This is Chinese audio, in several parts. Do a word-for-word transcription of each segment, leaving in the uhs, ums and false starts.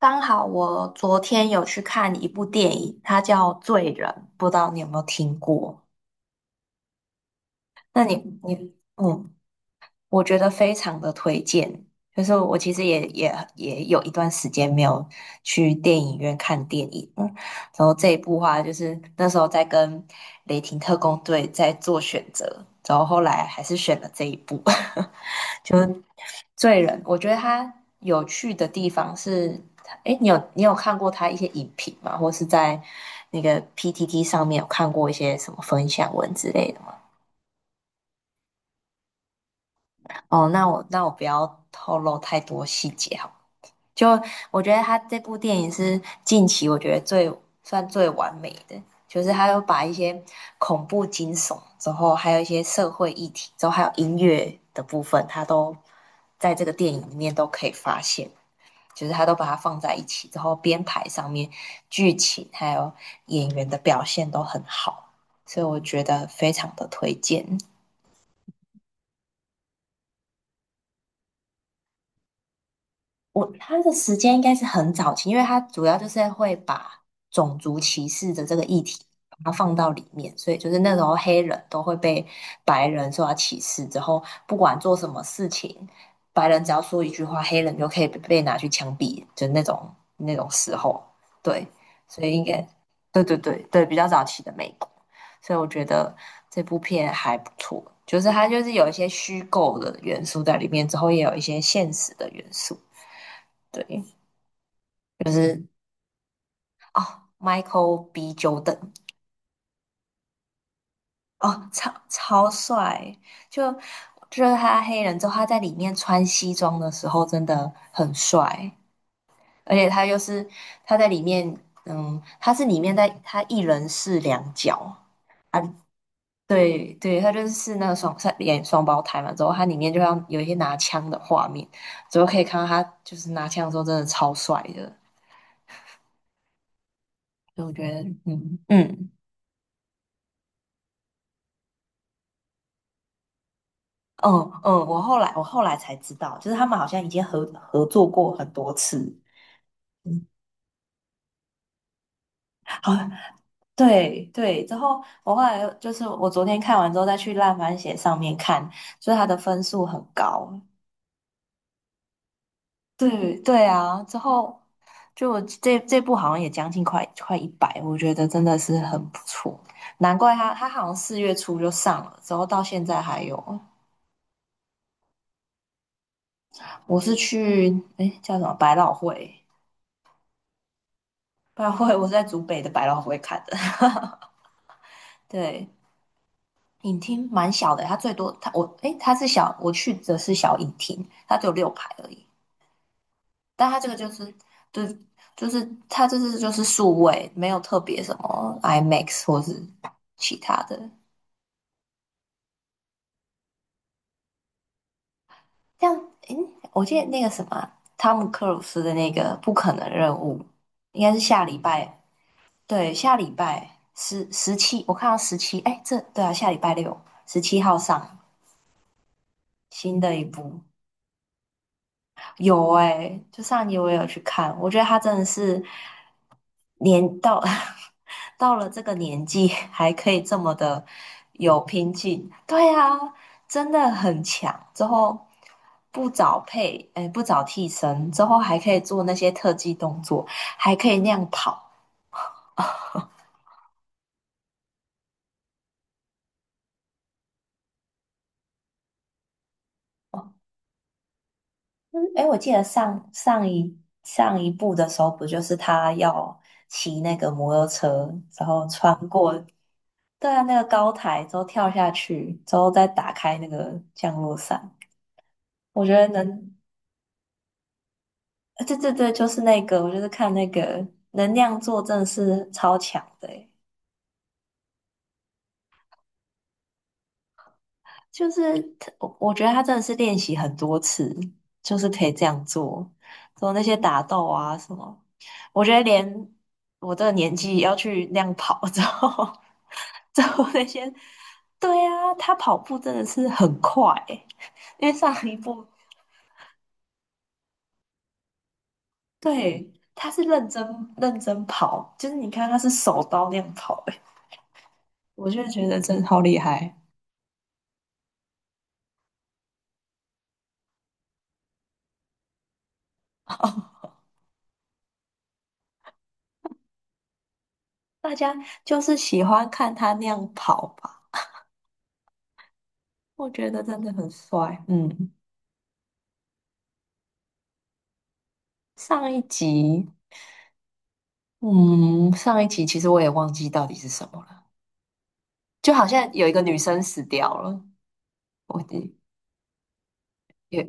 刚好我昨天有去看一部电影，它叫《罪人》，不知道你有没有听过？那你你嗯，我觉得非常的推荐。就是我其实也也也有一段时间没有去电影院看电影，嗯，然后这一部话就是那时候在跟雷霆特工队在做选择，然后后来还是选了这一部，就罪人，我觉得他有趣的地方是，哎，你有你有看过他一些影评吗？或是在那个 P T T 上面有看过一些什么分享文之类的吗？哦，那我那我不要透露太多细节好了。就我觉得他这部电影是近期我觉得最算最完美的，就是他有把一些恐怖惊悚之后，还有一些社会议题之后，还有音乐的部分，他都在这个电影里面都可以发现。就是他都把它放在一起之后，编排上面、剧情还有演员的表现都很好，所以我觉得非常的推荐。我他的时间应该是很早期，因为他主要就是会把种族歧视的这个议题把它放到里面，所以就是那时候黑人都会被白人受到歧视，之后不管做什么事情，白人只要说一句话，黑人就可以被被拿去枪毙，就那种那种时候，对，所以应该对对对对，比较早期的美国，所以我觉得这部片还不错，就是它就是有一些虚构的元素在里面，之后也有一些现实的元素。对，就是哦，Michael B. Jordan，哦，超超帅，就就是他黑人之后，他在里面穿西装的时候真的很帅，而且他又是他在里面，嗯，他是里面在他一人饰两角啊，对对，他就是那个双他演双胞胎嘛，之后他里面就像有一些拿枪的画面，之后可以看到他就是拿枪的时候真的超帅的，所以我觉得，嗯嗯。嗯嗯，我后来我后来才知道，就是他们好像已经合合作过很多次。嗯，好，对对。之后我后来就是我昨天看完之后再去烂番茄上面看，所以它的分数很高。对对啊，之后就我这这部好像也将近快快一百，我觉得真的是很不错。难怪他他好像四月初就上了，之后到现在还有。我是去哎叫什么百老汇，百老汇我是在竹北的百老汇看的。对，影厅蛮小的，它最多它我诶，它是小，我去的是小影厅，它只有六排而已。但它这个就是就就是它这是就是数位，没有特别什么 IMAX 或是其他的。像诶，我记得那个什么啊汤姆克鲁斯的那个《不可能任务》，应该是下礼拜，对，下礼拜十十七，十七我看到十七，诶，这对啊，下礼拜六十七号上新的一部，有哎、就上集我也有去看，我觉得他真的是年到 到了这个年纪还可以这么的有拼劲，对啊，真的很强。之后不找配，哎、不找替身，之后还可以做那些特技动作，还可以那样跑。哎、我记得上上一上一部的时候，不就是他要骑那个摩托车，然后穿过对啊，那个高台之后跳下去，之后再打开那个降落伞，我觉得能，啊对对对，就是那个，我就是看那个能量做真的是超强的欸就是他我我觉得他真的是练习很多次，就是可以这样做，做那些打斗啊什么，我觉得连我这个年纪要去那样跑之后，之后那些，对啊，他跑步真的是很快欸因为上一步。对，他是认真认真跑，就是你看他是手刀那样跑、欸，我就觉得真的好厉害。大家就是喜欢看他那样跑吧，我觉得真的很帅。嗯，上一集，嗯，上一集其实我也忘记到底是什么了，就好像有一个女生死掉了，我有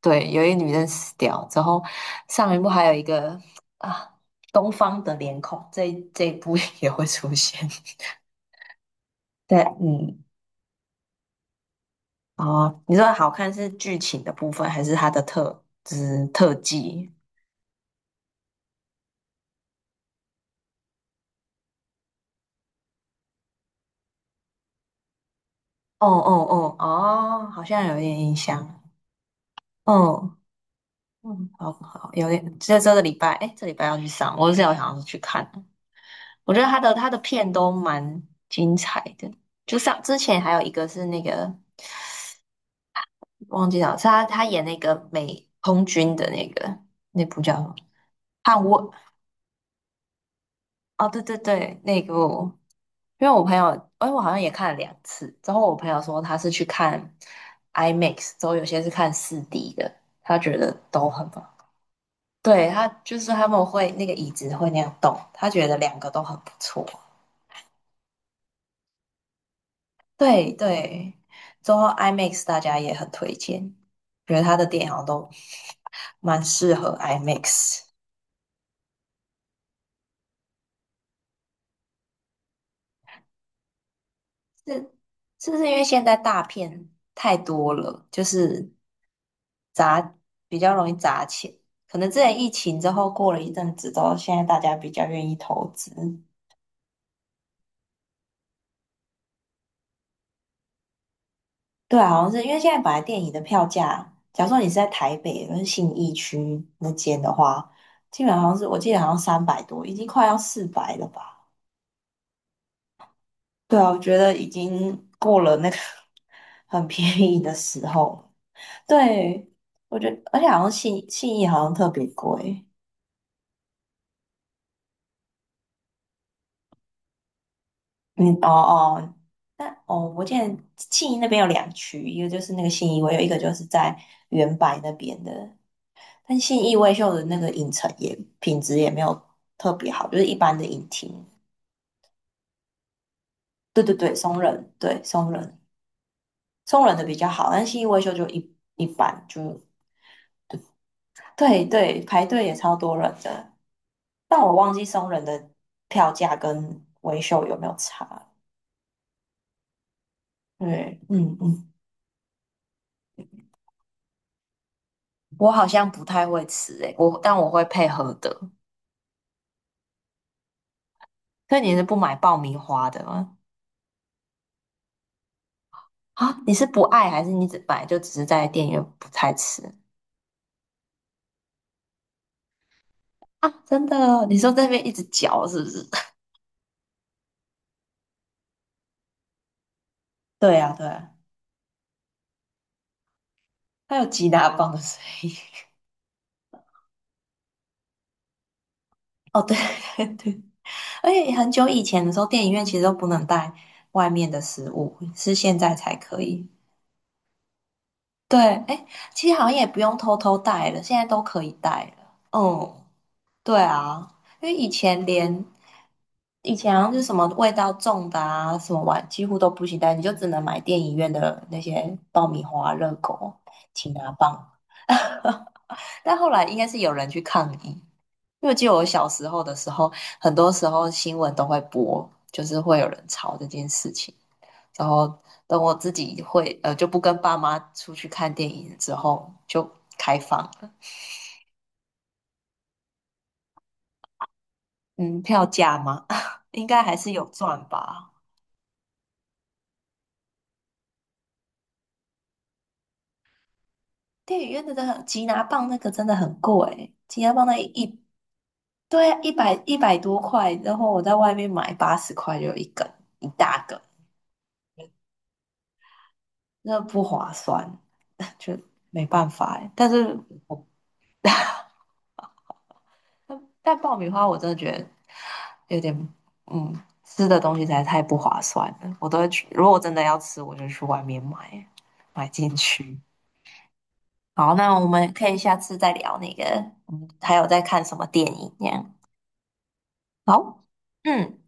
对，有一个女生死掉之后，上一部还有一个啊，东方的脸孔，这一这一部也会出现。对，嗯。哦，你说好看是剧情的部分，还是它的特，就是特技？哦哦哦哦，好像有点印象。嗯嗯，好好，有点，这这个礼拜，哎，这礼拜要去上，我是有想要去看我觉得他的他的片都蛮精彩的，就像之前还有一个是那个忘记了，是他他演那个美空军的那个那部叫汉么捍卫哦，对对对，那个因为我朋友，哎，我好像也看了两次。之后我朋友说他是去看 IMAX，之后有些是看四 d 的，他觉得都很棒。对，他就是他们会那个椅子会那样动，他觉得两个都很不错。对对，之后 IMAX 大家也很推荐，觉得他的电影好像都蛮适合 IMAX。是是不是因为现在大片太多了，就是比较容易砸钱。可能之前疫情之后过了一阵子之后，现在大家比较愿意投资。对啊，好像是因为现在本来电影的票价，假如说你是在台北跟信义区那间的话，基本上好像是我记得好像三百多，已经快要四百了吧？对啊，我觉得已经过了那个 很便宜的时候。对，我觉得而且好像信信义好像特别贵。嗯，哦哦，但哦，我记得信义那边有两区，一个就是那个信义威秀，有一个就是在原白那边的。但信义威秀的那个影城也品质也没有特别好，就是一般的影厅。对对对，松仁，对松仁，松仁的比较好，但信义威秀就一一般，就对对，排队也超多人的。但我忘记松仁的票价跟威秀有没有差。对，嗯嗯，我好像不太会吃诶、我但我会配合的。所以你是不买爆米花的吗？啊，你是不爱还是你只买就只是在店员不太吃啊？真的哦你说在那边一直嚼是不是？对啊，对啊，它有吉大棒的声音。哦，对 对对，而且很久以前的时候，电影院其实都不能带外面的食物，是现在才可以。对，哎，其实好像也不用偷偷带了，现在都可以带了。嗯，对啊，因为以前连以前好像是什么味道重的啊，什么碗几乎都不行但你就只能买电影院的那些爆米花、热狗、擒拿棒。但后来应该是有人去抗议，因为我记得我小时候的时候，很多时候新闻都会播，就是会有人吵这件事情。然后等我自己会呃就不跟爸妈出去看电影之后，就开放了。嗯，票价吗？应该还是有赚吧。电影院真的很，吉拿棒那个真的很贵，吉拿棒那一，一对啊，一百一百多块，然后我在外面买八十块就有一根一大根，那不划算，就没办法欸。但是我但 但爆米花我真的觉得有点，嗯，吃的东西实在太不划算了。我都会去，如果我真的要吃，我就去外面买买进去。好，那我们可以下次再聊那个，嗯，还有在看什么电影这样。好，嗯。